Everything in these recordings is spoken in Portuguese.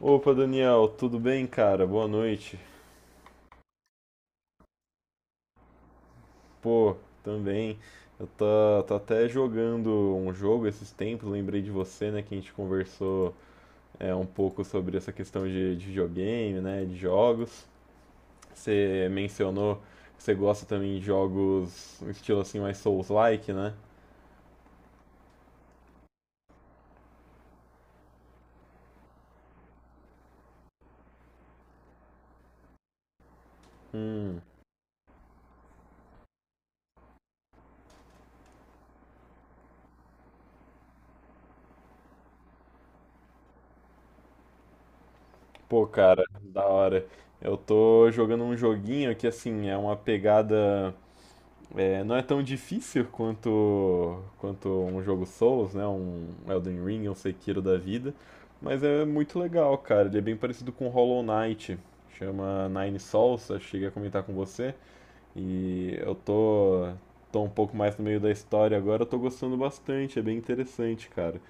Opa, Daniel, tudo bem, cara? Boa noite. Pô, também. Eu tô até jogando um jogo esses tempos, lembrei de você, né, que a gente conversou um pouco sobre essa questão de videogame, né, de jogos. Você mencionou que você gosta também de jogos um estilo assim mais Souls-like, né? Hum, pô, cara, da hora. Eu tô jogando um joguinho que, assim, é uma pegada. É, não é tão difícil quanto um jogo Souls, né? Um Elden Ring, um Sekiro da vida. Mas é muito legal, cara. Ele é bem parecido com Hollow Knight. Chama Nine Souls, acho que cheguei a comentar com você. E eu tô um pouco mais no meio da história agora, eu tô gostando bastante. É bem interessante, cara.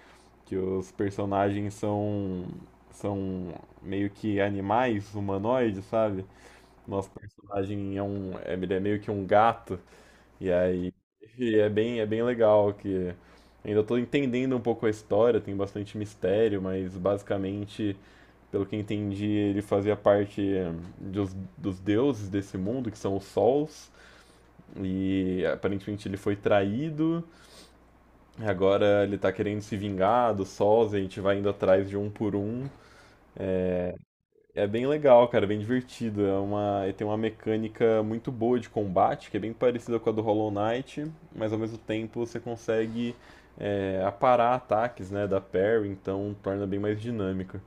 Que os personagens são meio que animais humanoides, sabe? Nosso personagem é um, ele é meio que um gato. E aí, e é bem legal que ainda estou entendendo um pouco a história, tem bastante mistério, mas basicamente, pelo que entendi, ele fazia parte dos deuses desse mundo, que são os sols, e aparentemente ele foi traído, e agora ele está querendo se vingar dos sols, e a gente vai indo atrás de um por um. É bem legal, cara, bem divertido. É uma, ele tem uma mecânica muito boa de combate, que é bem parecida com a do Hollow Knight, mas ao mesmo tempo você consegue aparar ataques, né, da parry, então torna bem mais dinâmica.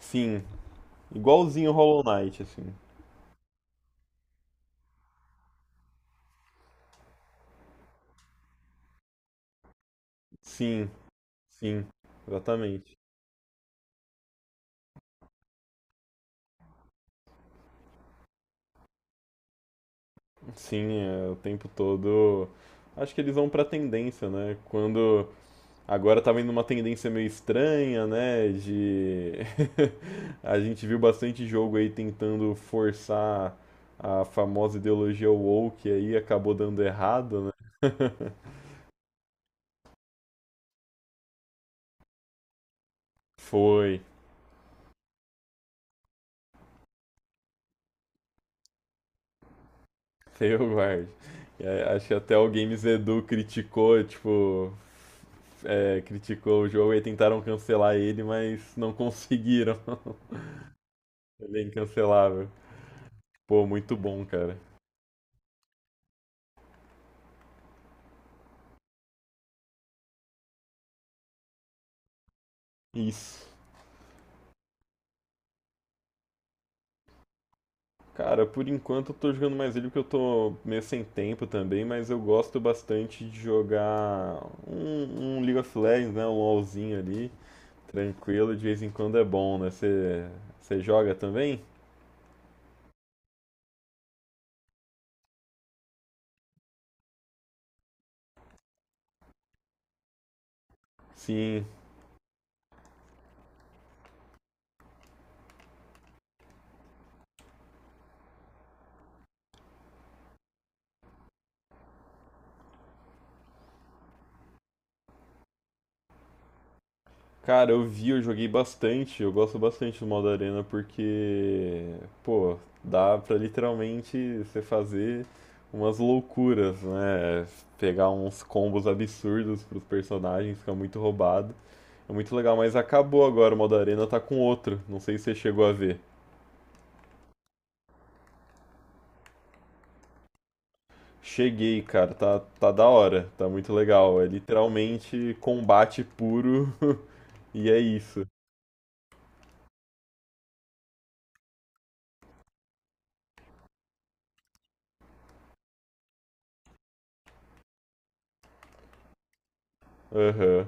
Sim, igualzinho ao Hollow Knight, assim. Sim, sim, exatamente. Sim, é, o tempo todo. Acho que eles vão pra tendência, né? Quando agora tá vendo uma tendência meio estranha, né? De. A gente viu bastante jogo aí tentando forçar a famosa ideologia woke aí, acabou dando errado, né? Foi, eu guarde. É, acho que até o Games Edu criticou, tipo. É, criticou o jogo e tentaram cancelar ele, mas não conseguiram. Ele é incancelável. Pô, muito bom, cara. Isso. Cara, por enquanto eu tô jogando mais ele porque eu tô meio sem tempo também, mas eu gosto bastante de jogar um League of Legends, né? Um LoLzinho ali, tranquilo, de vez em quando é bom, né? Você joga também? Sim. Cara, eu vi, eu joguei bastante, eu gosto bastante do modo arena porque, pô, dá pra literalmente você fazer umas loucuras, né? Pegar uns combos absurdos pros personagens, fica muito roubado. É muito legal, mas acabou agora o modo arena, tá com outro. Não sei se você chegou a ver. Cheguei, cara, tá da hora, tá muito legal. É literalmente combate puro e é isso. Aham.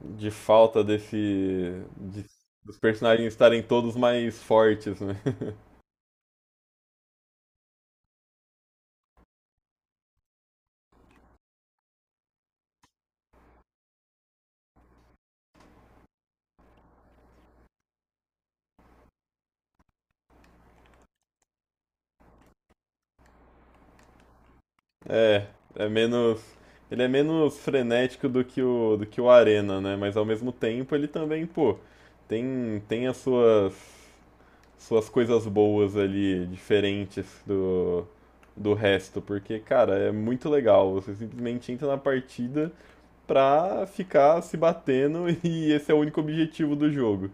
De falta desse. de- dos personagens estarem todos mais fortes, né? É, é menos. Ele é menos frenético do que do que o Arena, né? Mas ao mesmo tempo ele também, pô, tem as suas coisas boas ali, diferentes do resto, porque, cara, é muito legal. Você simplesmente entra na partida pra ficar se batendo e esse é o único objetivo do jogo.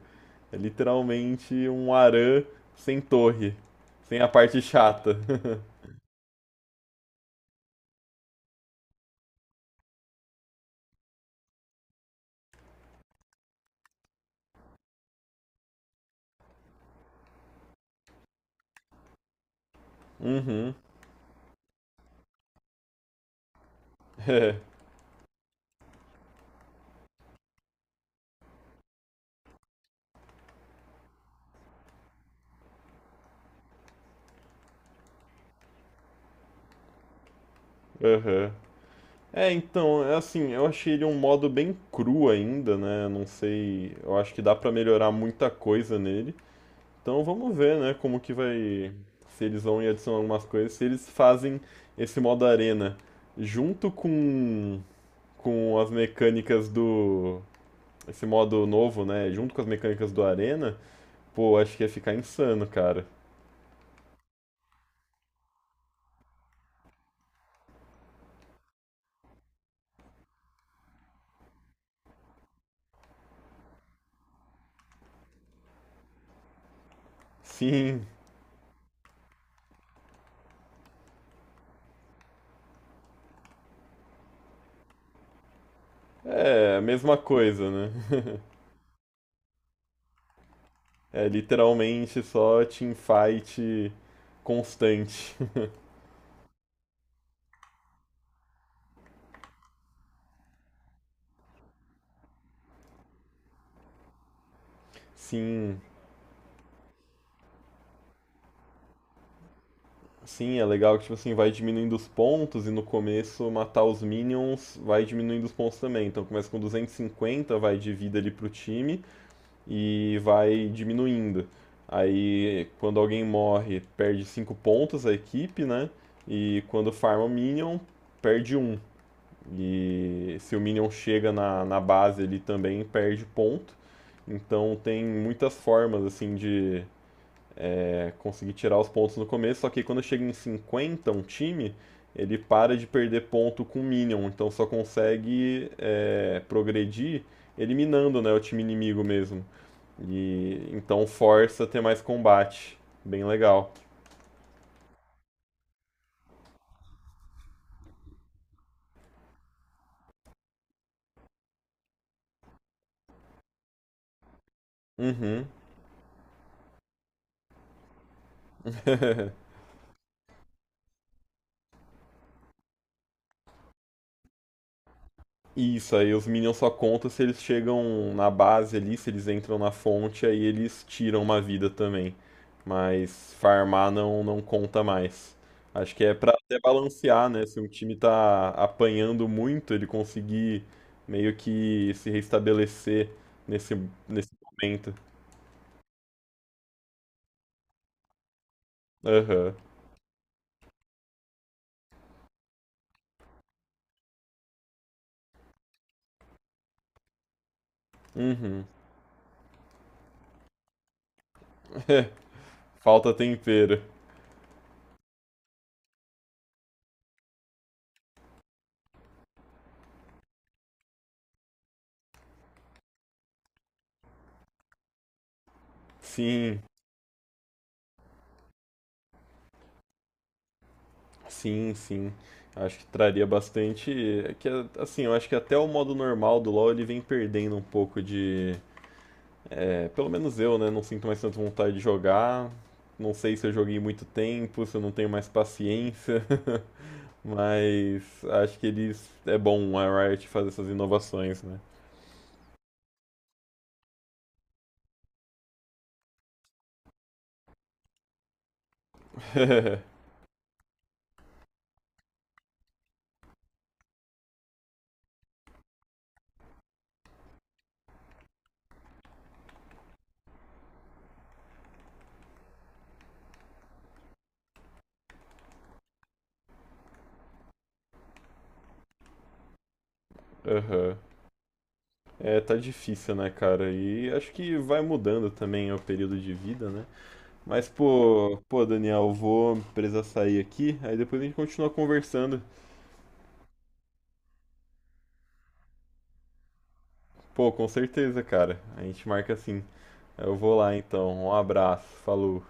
É literalmente um Aran sem torre, sem a parte chata. Uhum. É, aham. É, então, é assim, eu achei ele um modo bem cru ainda, né? Não sei, eu acho que dá pra melhorar muita coisa nele. Então vamos ver, né, como que vai, se eles vão adicionar algumas coisas, se eles fazem esse modo arena junto com as mecânicas do esse modo novo, né, junto com as mecânicas do arena, pô, acho que ia ficar insano, cara. Sim, é a mesma coisa, né? É literalmente só teamfight constante. Sim, Sim, é legal que, tipo assim, vai diminuindo os pontos e no começo matar os minions vai diminuindo os pontos também. Então começa com 250 vai de vida ali pro time e vai diminuindo. Aí quando alguém morre, perde 5 pontos a equipe, né? E quando farma o minion, perde um. E se o minion chega na base ali também, perde ponto. Então tem muitas formas, assim, de consegui tirar os pontos no começo, só que quando chega em 50 um time, ele para de perder ponto com Minion, então só consegue é, progredir eliminando né, o time inimigo mesmo. E então força a ter mais combate. Bem legal. Uhum. Isso, aí os Minions só contam se eles chegam na base ali, se eles entram na fonte, aí eles tiram uma vida também. Mas farmar não, não conta mais. Acho que é pra até balancear, né? Se um time tá apanhando muito, ele conseguir meio que se restabelecer nesse, nesse momento. Aham. Uhum. Falta tempero. Sim. Sim, sim. Acho que traria bastante. É que, assim, eu acho que até o modo normal do LoL ele vem perdendo um pouco de. É, pelo menos eu, né? Não sinto mais tanta vontade de jogar. Não sei se eu joguei muito tempo, se eu não tenho mais paciência. Mas acho que eles. É bom a Riot fazer essas inovações, né? Aham. É, tá difícil, né, cara? E acho que vai mudando também o período de vida, né? Mas, pô, Daniel, eu vou precisar sair aqui, aí depois a gente continua conversando. Pô, com certeza, cara. A gente marca assim. Eu vou lá então. Um abraço, falou.